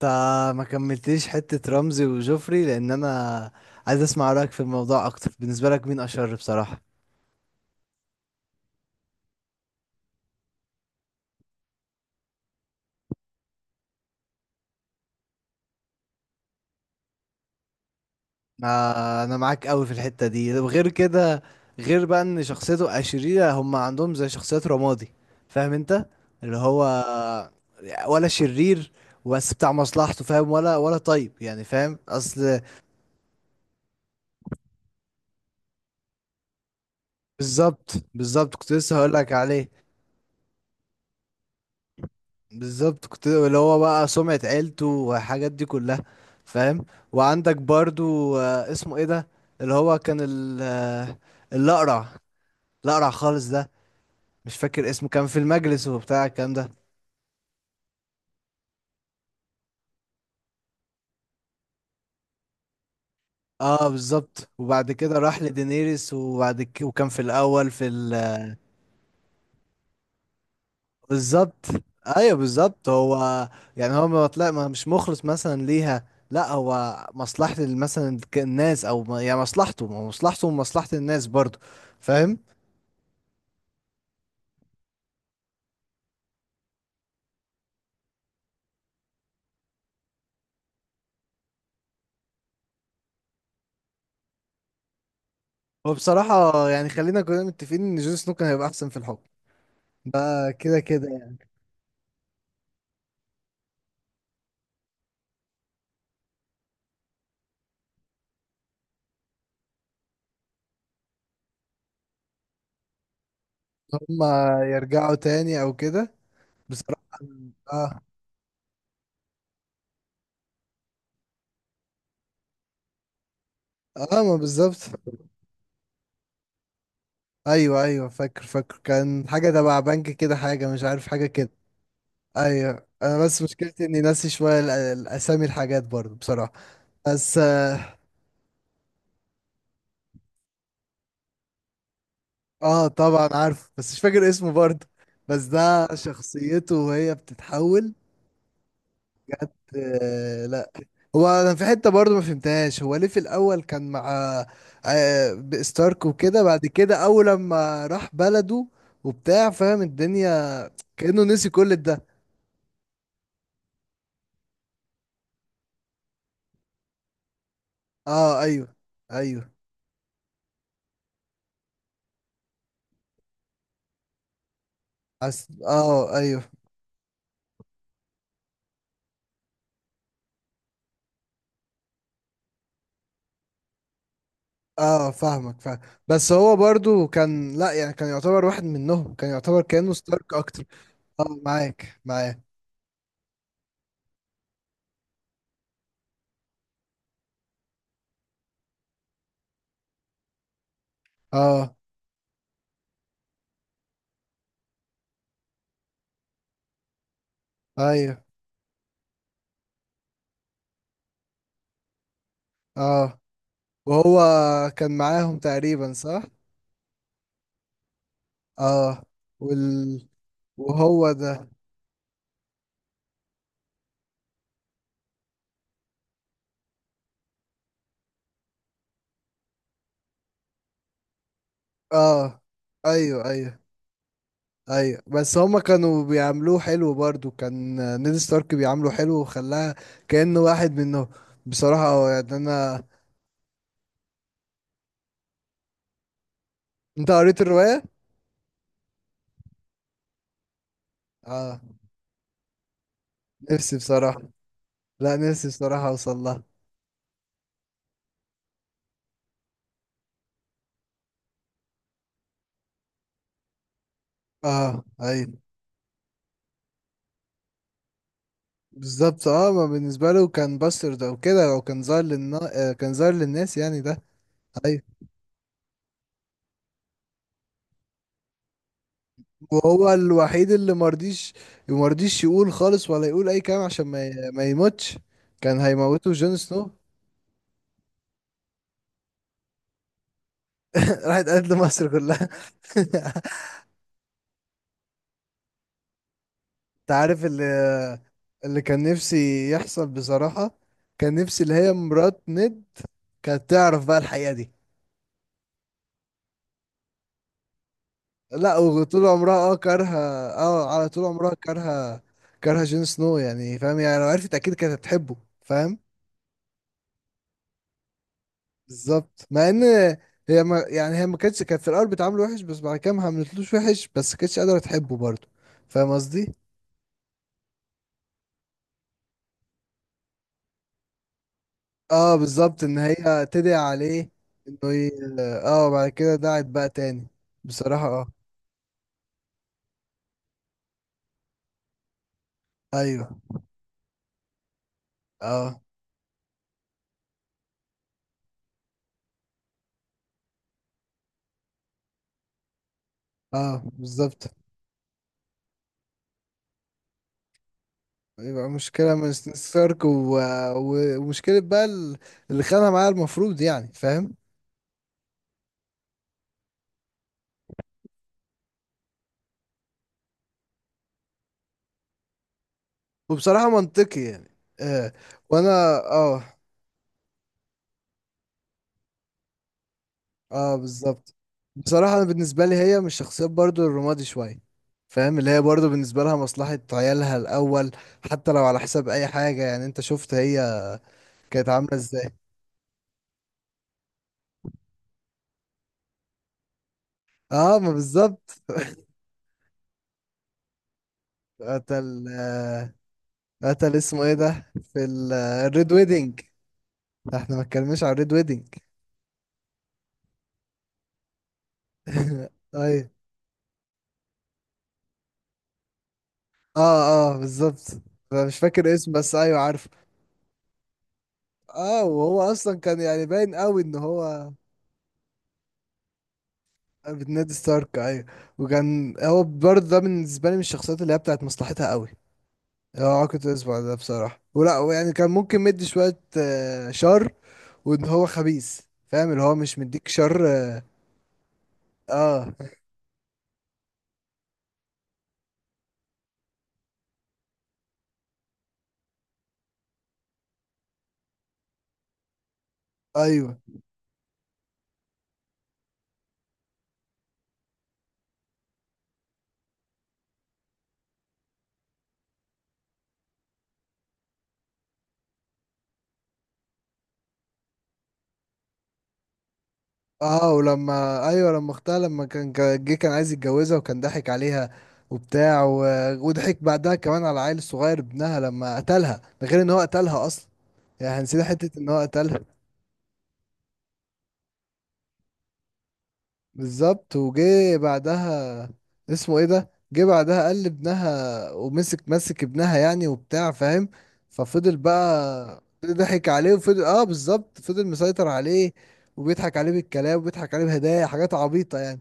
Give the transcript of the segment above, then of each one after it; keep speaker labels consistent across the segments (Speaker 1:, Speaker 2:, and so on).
Speaker 1: فما كملتليش حتة رمزي وجوفري لأن أنا عايز أسمع رأيك في الموضوع أكتر. بالنسبة لك مين أشر بصراحة؟ ما أنا معاك أوي في الحتة دي. وغير كده، غير بقى إن شخصيته أشرية، هم عندهم زي شخصيات رمادي، فاهم أنت؟ اللي هو ولا شرير، بس بتاع مصلحته، فاهم؟ ولا طيب، يعني فاهم أصل. بالظبط، كنت لسه هقولك عليه. بالظبط، كنت اللي هو بقى سمعة عيلته والحاجات دي كلها، فاهم؟ وعندك برضو اسمه ايه ده اللي هو كان الأقرع، الأقرع خالص ده، مش فاكر اسمه، كان في المجلس وبتاع الكلام ده. اه بالظبط، وبعد كده راح لدينيريس، وبعد كده وكان في الأول في ال- بالظبط، ايوه بالظبط. هو يعني هو ما طلع ما مش مخلص مثلا ليها، لا هو مصلحة مثلا الناس، او ما- يعني مصلحته، ما هو مصلحته ومصلحة الناس برضو، فاهم؟ هو بصراحة يعني خلينا كلنا متفقين إن جون سنو كان هيبقى أحسن في الحكم. ده كده كده يعني. إن هما يرجعوا تاني أو كده. بصراحة، آه. آه ما بالظبط. أيوه أيوه، فاكر فاكر، كان حاجة تبع بنك كده، حاجة مش عارف حاجة كده. أيوه، أنا بس مشكلتي إني ناسي شوية الأسامي، الحاجات برضه بصراحة. بس آه, آه طبعا عارف، بس مش فاكر اسمه برضه. بس ده شخصيته وهي بتتحول. لا، هو انا في حته برضو ما فهمتهاش، هو ليه في الاول كان مع آه ستارك وكده، بعد كده اول لما راح بلده وبتاع، فاهم الدنيا، كانه نسي كل ده. اه ايوه، ايوه. أس... اه ايوه. اه فاهمك، فاهم. بس هو برضو كان، لا يعني كان يعتبر واحد منهم، كان يعتبر كانه ستارك اكتر. اه معاك معاك. اه ايوه. اه وهو كان معاهم تقريبا صح. اه، وال- وهو ده. اه ايوه ايوه ايوه. بس هما كانوا بيعملوه حلو برضو، كان نيد ستارك بيعامله حلو وخلاها كأنه واحد منهم. بصراحة هو يعني انا. انت قريت الرواية؟ اه نفسي بصراحة، لا نفسي بصراحة اوصل لها. اه ايوه. بالظبط اه، ما بالنسبة له كان باسترد او كده، او كان ظاهر للنا... آه، كان ظاهر للناس يعني ده. ايوه، وهو الوحيد اللي مرضيش، مرضيش يقول خالص ولا يقول اي كلام عشان ما يموتش. كان هيموته جون سنو راحت قالت لمصر كلها انت عارف اللي اللي كان نفسي يحصل بصراحة، كان نفسي اللي هي مرات نيد كانت تعرف بقى الحقيقة دي. لا وطول عمرها اه كارهة. اه على طول عمرها كارهة. كارهة جون سنو يعني، فاهم؟ يعني لو عرفت اكيد كانت هتحبه، فاهم؟ بالظبط. مع ان هي ما يعني، هي ما كانتش كانت في الاول بتعامله وحش، بس بعد كده ما عملتلوش وحش، بس ما كانتش قادره تحبه برضه، فاهم قصدي؟ اه بالظبط، ان هي تدعي عليه. انه ي... اه بعد كده دعت بقى تاني. بصراحه اه، ايوه. اه اه بالظبط. يبقى مشكله من ستارك و... و... ومشكله بقى ال- اللي خانها معاه، المفروض يعني فاهم. وبصراحه منطقي يعني، آه. وانا اه. اه بالظبط. بصراحة انا بالنسبة لي هي من الشخصيات برضو الرمادي شوية، فاهم؟ اللي هي برضو بالنسبة لها مصلحة عيالها الاول، حتى لو على حساب اي حاجة. يعني انت شفت هي كانت عاملة ازاي. اه ما بالظبط. قتل قتل اسمه ايه ده في الريد ويدنج. احنا ما اتكلمناش على الريد ويدنج. ايوه. اه اه بالظبط، أنا مش فاكر اسم بس ايوه عارفه. اه وهو اصلا كان يعني باين قوي ان هو بتنادي ستارك ايوه. وكان هو برضه، ده بالنسبه لي من الشخصيات اللي هي بتاعت مصلحتها قوي، يعني هو كنت اسمع ده بصراحه، ولا يعني كان ممكن مدي شويه شر. وان هو خبيث، فاهم؟ اللي هو مش مديك شر. اه ايوه. اه ولما ايوه، لما اختها، لما جه كان عايز يتجوزها، وكان ضحك عليها وبتاع و... وضحك بعدها كمان على العيل الصغير ابنها، لما قتلها، ده غير ان هو قتلها اصلا. يعني هنسينا حته ان هو قتلها. بالظبط، وجه بعدها اسمه ايه ده، جه بعدها قال ابنها، ومسك مسك ابنها يعني وبتاع، فاهم؟ ففضل بقى ضحك عليه وفضل، اه بالظبط فضل مسيطر عليه. وبيضحك عليه بالكلام وبيضحك عليه بهدايا، حاجات عبيطة يعني.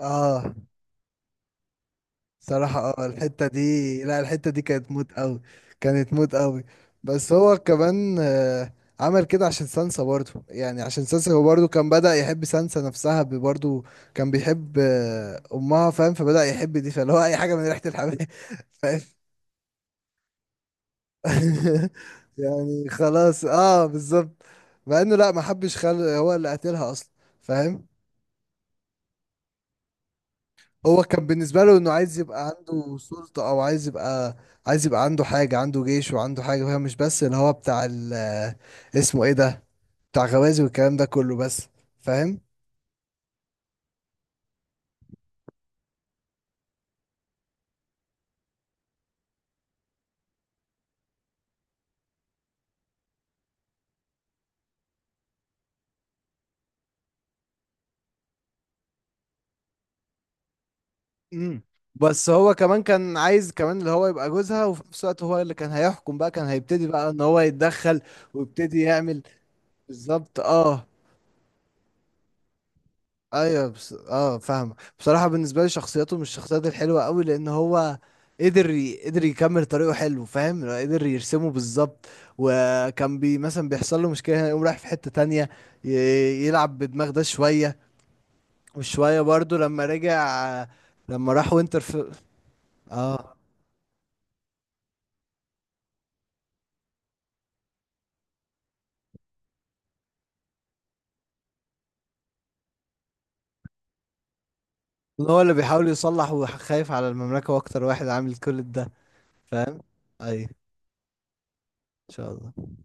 Speaker 1: اه صراحة، اه الحتة دي، لا الحتة دي كانت موت قوي، كانت موت قوي. بس هو كمان عمل كده عشان سانسا برضه، يعني عشان سانسا هو برضه كان بدأ يحب سانسا نفسها برضه. كان بيحب أمها، فاهم؟ فبدأ يحب دي، فاللي هو أي حاجة من ريحة الحمام فاهم؟ يعني خلاص، اه بالظبط. مع انه لا ما حبش، خل هو اللي قتلها اصلا، فاهم؟ هو كان بالنسبة له انه عايز يبقى عنده سلطة، او عايز يبقى، عايز يبقى عنده حاجة، عنده جيش وعنده حاجة، فاهم؟ مش بس اللي هو بتاع ال- اسمه ايه ده، بتاع غوازي والكلام ده كله بس، فاهم؟ امم. بس هو كمان كان عايز كمان اللي هو يبقى جوزها، وفي نفس الوقت هو اللي كان هيحكم بقى، كان هيبتدي بقى ان هو يتدخل ويبتدي يعمل. بالظبط اه. ايوه بس... اه فاهمه، بصراحه بالنسبه لي شخصيته مش الشخصيات الحلوه قوي، لان هو قدر ي... قدر يكمل طريقه حلو، فاهم؟ قدر يرسمه بالظبط. وكان بي مثلا، بيحصل له مشكله هنا يقوم رايح في حته تانية، ي... يلعب بدماغ ده شويه، وشويه برضو لما رجع، لما راح وينتر في... اه. هو اللي بيحاول يصلح وخايف على المملكه، واكتر واحد عامل كل ده، فاهم؟ ايوه، ان شاء الله.